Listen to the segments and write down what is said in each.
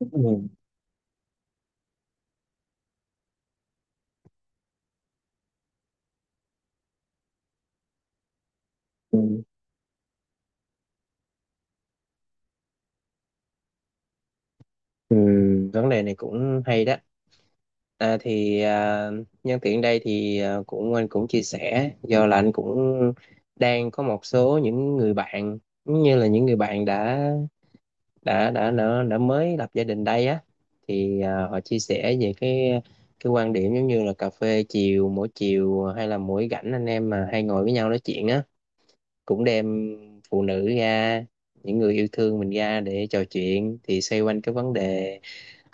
Ừ, ừ, ừ, vấn đề này cũng hay đó. à, thì à, Nhân tiện đây cũng anh cũng chia sẻ, do là anh cũng đang có một số những người bạn, giống như là những người bạn đã mới lập gia đình đây á, họ chia sẻ về cái quan điểm giống như là cà phê chiều mỗi chiều, hay là mỗi rảnh anh em mà hay ngồi với nhau nói chuyện á, cũng đem phụ nữ ra, những người yêu thương mình ra để trò chuyện, thì xoay quanh cái vấn đề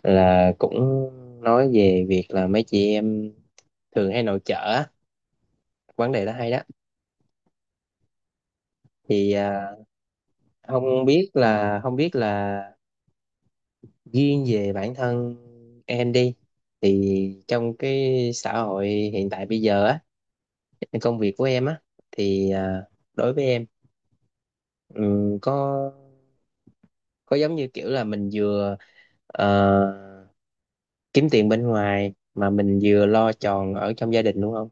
là cũng nói về việc là mấy chị em thường hay nội trợ á. Vấn đề đó hay đó. thì à, không biết là riêng về bản thân em đi, thì trong cái xã hội hiện tại bây giờ á, cái công việc của em á, thì à, đối với em, ừm, có có giống như kiểu là mình vừa ờ, kiếm tiền bên ngoài mà mình vừa lo tròn ở trong gia đình, đúng không?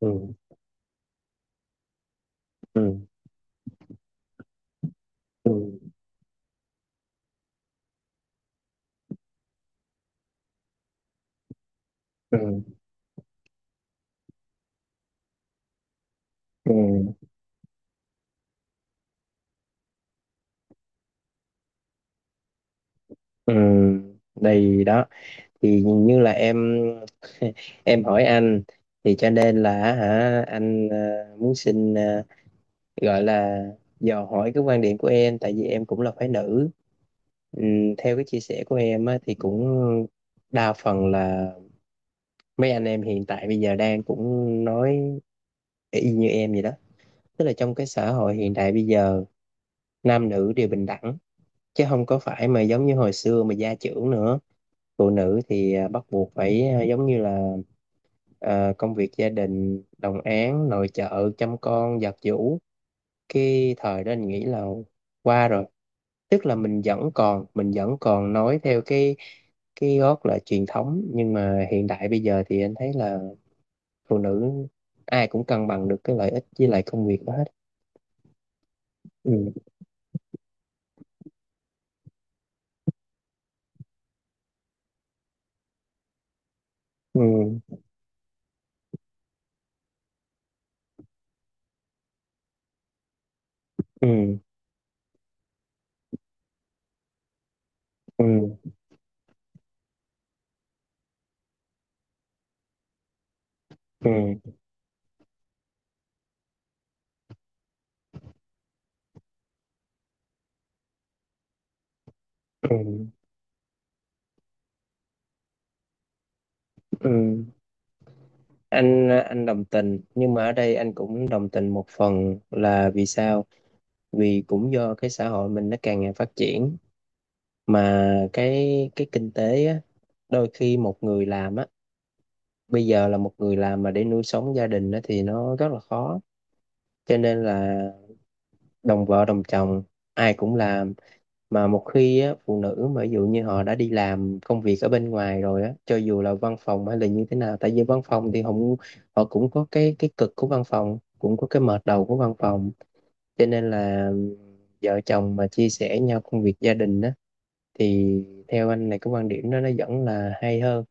Ừ. Ừ. Ừ. Ừ. Ừ. Ừ, đây đó. Thì nhìn như là em em hỏi anh, thì cho nên là hả anh, muốn xin, gọi là dò hỏi cái quan điểm của em, tại vì em cũng là phái nữ. Theo cái chia sẻ của em á, thì cũng đa phần là mấy anh em hiện tại bây giờ đang cũng nói y như em vậy đó. Tức là trong cái xã hội hiện đại bây giờ, nam nữ đều bình đẳng, chứ không có phải mà giống như hồi xưa mà gia trưởng nữa. Phụ nữ bắt buộc phải, giống như là, công việc gia đình, đồng áng, nội trợ, chăm con, giặt giũ, cái thời đó anh nghĩ là qua rồi. Tức là mình vẫn còn, mình vẫn còn nói theo cái gót là truyền thống, nhưng mà hiện đại bây giờ thì anh thấy là phụ nữ ai cũng cân bằng được cái lợi ích với lại công việc đó hết. Ừ. Ừ. Ừ. Ừ. Ừ. Ừ. Ừ. Ừ. anh đồng tình, nhưng mà ở đây anh cũng đồng tình một phần là vì sao, vì cũng do cái xã hội mình nó càng ngày phát triển, mà cái kinh tế á, đôi khi một người làm á, bây giờ là một người làm mà để nuôi sống gia đình á, thì nó rất là khó. Cho nên là đồng vợ đồng chồng, ai cũng làm. Mà một khi á, phụ nữ mà ví dụ như họ đã đi làm công việc ở bên ngoài rồi á, cho dù là văn phòng hay là như thế nào, tại vì văn phòng thì họ cũng có cái cực của văn phòng, cũng có cái mệt đầu của văn phòng, cho nên là vợ chồng mà chia sẻ nhau công việc gia đình á, thì theo anh này, cái quan điểm đó nó vẫn là hay hơn,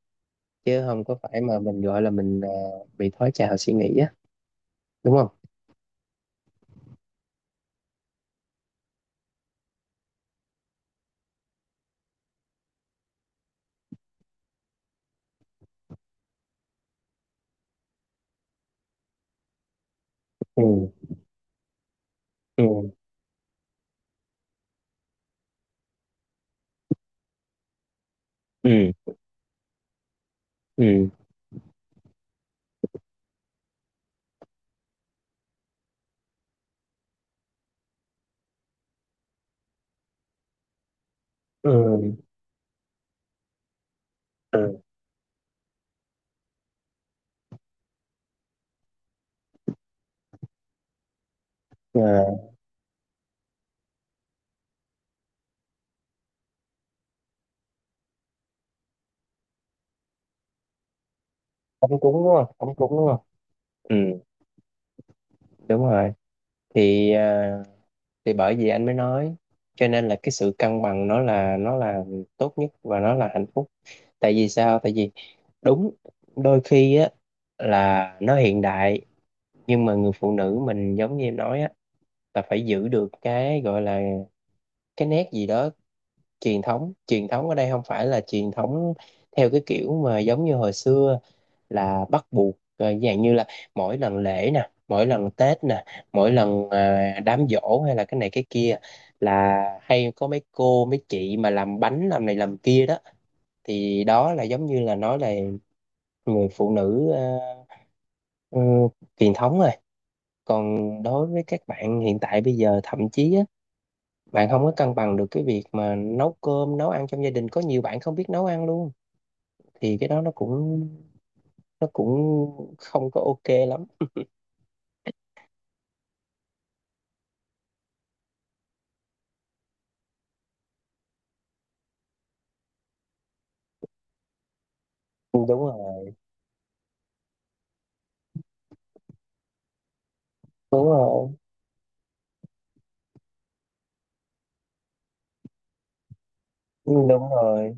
chứ không có phải mà mình gọi là mình bị thói trào suy nghĩ á, đúng không? Ừ. Ừ. Ừ. Ừ. Ừ. Ừ. Ờ, Ống cúng đúng không, ống cúng đúng không? Ừ, đúng rồi. thì à, thì bởi vì anh mới nói, cho nên là cái sự cân bằng nó là, nó là tốt nhất và nó là hạnh phúc. Tại vì sao, tại vì đúng, đôi khi á, là nó hiện đại, nhưng mà người phụ nữ mình giống như em nói á, là phải giữ được cái gọi là cái nét gì đó truyền thống. Truyền thống ở đây không phải là truyền thống theo cái kiểu mà giống như hồi xưa, là bắt buộc, dạng như là mỗi lần lễ nè, mỗi lần Tết nè, mỗi lần đám giỗ, hay là cái này cái kia, là hay có mấy cô mấy chị mà làm bánh, làm này làm kia đó, thì đó là giống như là nói là người phụ nữ ừ, truyền thống rồi. Còn đối với các bạn hiện tại bây giờ, thậm chí á, bạn không có cân bằng được cái việc mà nấu cơm nấu ăn trong gia đình, có nhiều bạn không biết nấu ăn luôn, thì cái đó nó cũng không có ok lắm. Ừ, đúng rồi, đúng rồi. Ừ, đúng rồi.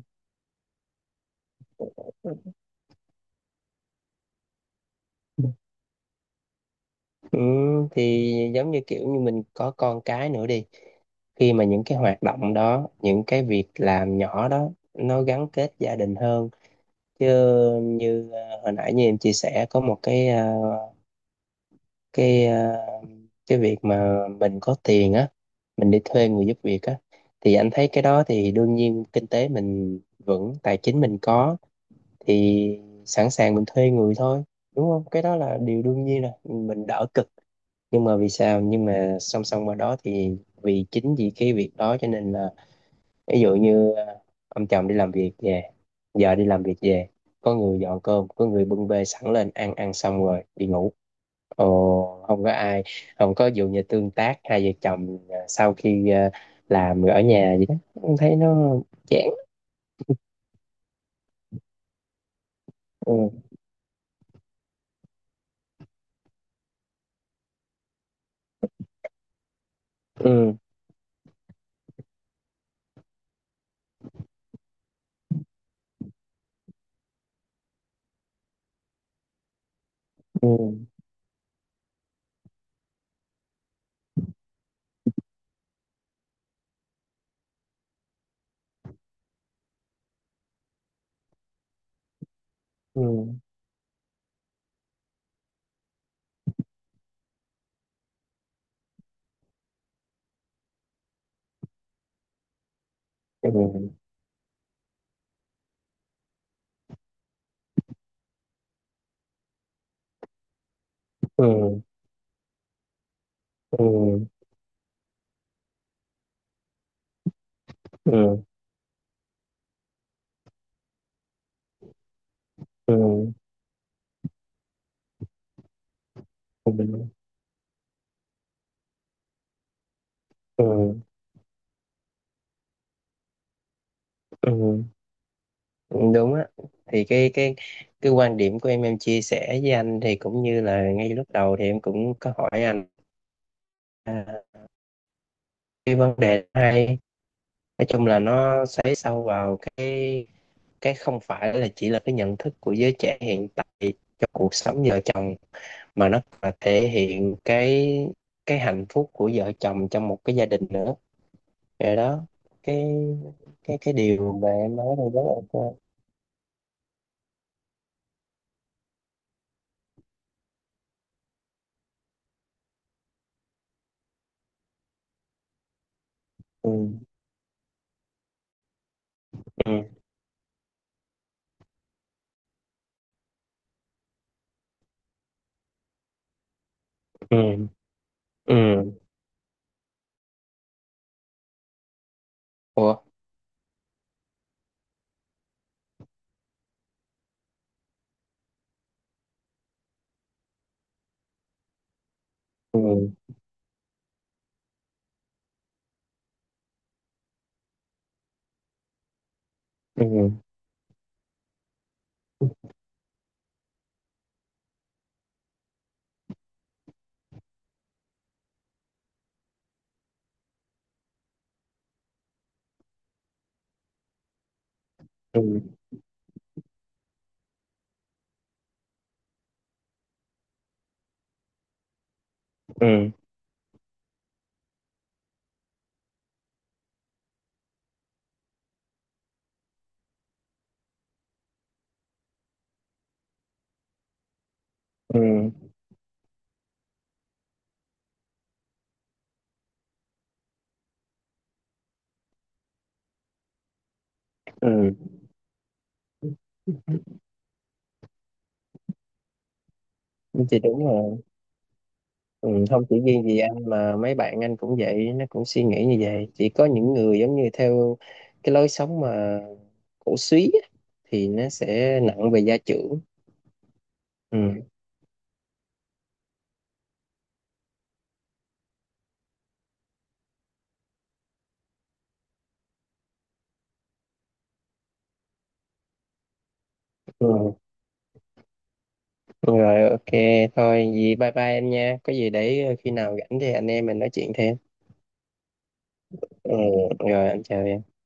Ừ, thì giống như kiểu như mình có con cái nữa đi, khi mà những cái hoạt động đó, những cái việc làm nhỏ đó, nó gắn kết gia đình hơn. Chứ như hồi nãy như em chia sẻ, có một cái ờ, cái việc mà mình có tiền á, mình đi thuê người giúp việc á, thì anh thấy cái đó thì đương nhiên, kinh tế mình vững, tài chính mình có thì sẵn sàng mình thuê người thôi, đúng không, cái đó là điều đương nhiên rồi, mình đỡ cực. Nhưng mà vì sao, nhưng mà song song qua đó thì vì chính vì cái việc đó cho nên là, ví dụ như ông chồng đi làm việc về, vợ đi làm việc về, có người dọn cơm, có người bưng bê sẵn lên, ăn ăn xong rồi đi ngủ, ồ không có ai, không có dụ như tương tác hai vợ chồng sau khi làm rồi ở nhà gì đó. Em thấy nó chán. Ừ. Ừ. Ừ. Ừ. Ừ. Ừ. Ừ. Ừ. Ừ. Ừ. Ừ. Ừ. Ừ. Ừ, đúng á. Thì cái cái quan điểm của em chia sẻ với anh thì cũng như là ngay lúc đầu thì em cũng có hỏi anh, à, cái vấn đề hay, nói chung là nó xoáy sâu vào cái không phải là chỉ là cái nhận thức của giới trẻ hiện tại cho cuộc sống vợ chồng, mà nó còn là thể hiện cái hạnh phúc của vợ chồng trong một cái gia đình nữa. Rồi đó. Cái cái cái điều mà em nói đây rất ok. Ừ. Ừ. Ừ. Ừ. Ủa. Ừ. Ừ. Ừ. Ừ. Ừ. Ừ chị, đúng rồi. Ừ, không chỉ riêng gì anh mà mấy bạn anh cũng vậy, nó cũng suy nghĩ như vậy. Chỉ có những người giống như theo cái lối sống mà cổ súy á, thì nó sẽ nặng về gia trưởng. Ừ. Ừ rồi, ok, thôi gì, bye bye em nha, có gì để khi nào rảnh thì anh em mình nói chuyện thêm. Ừ, rồi anh chào em.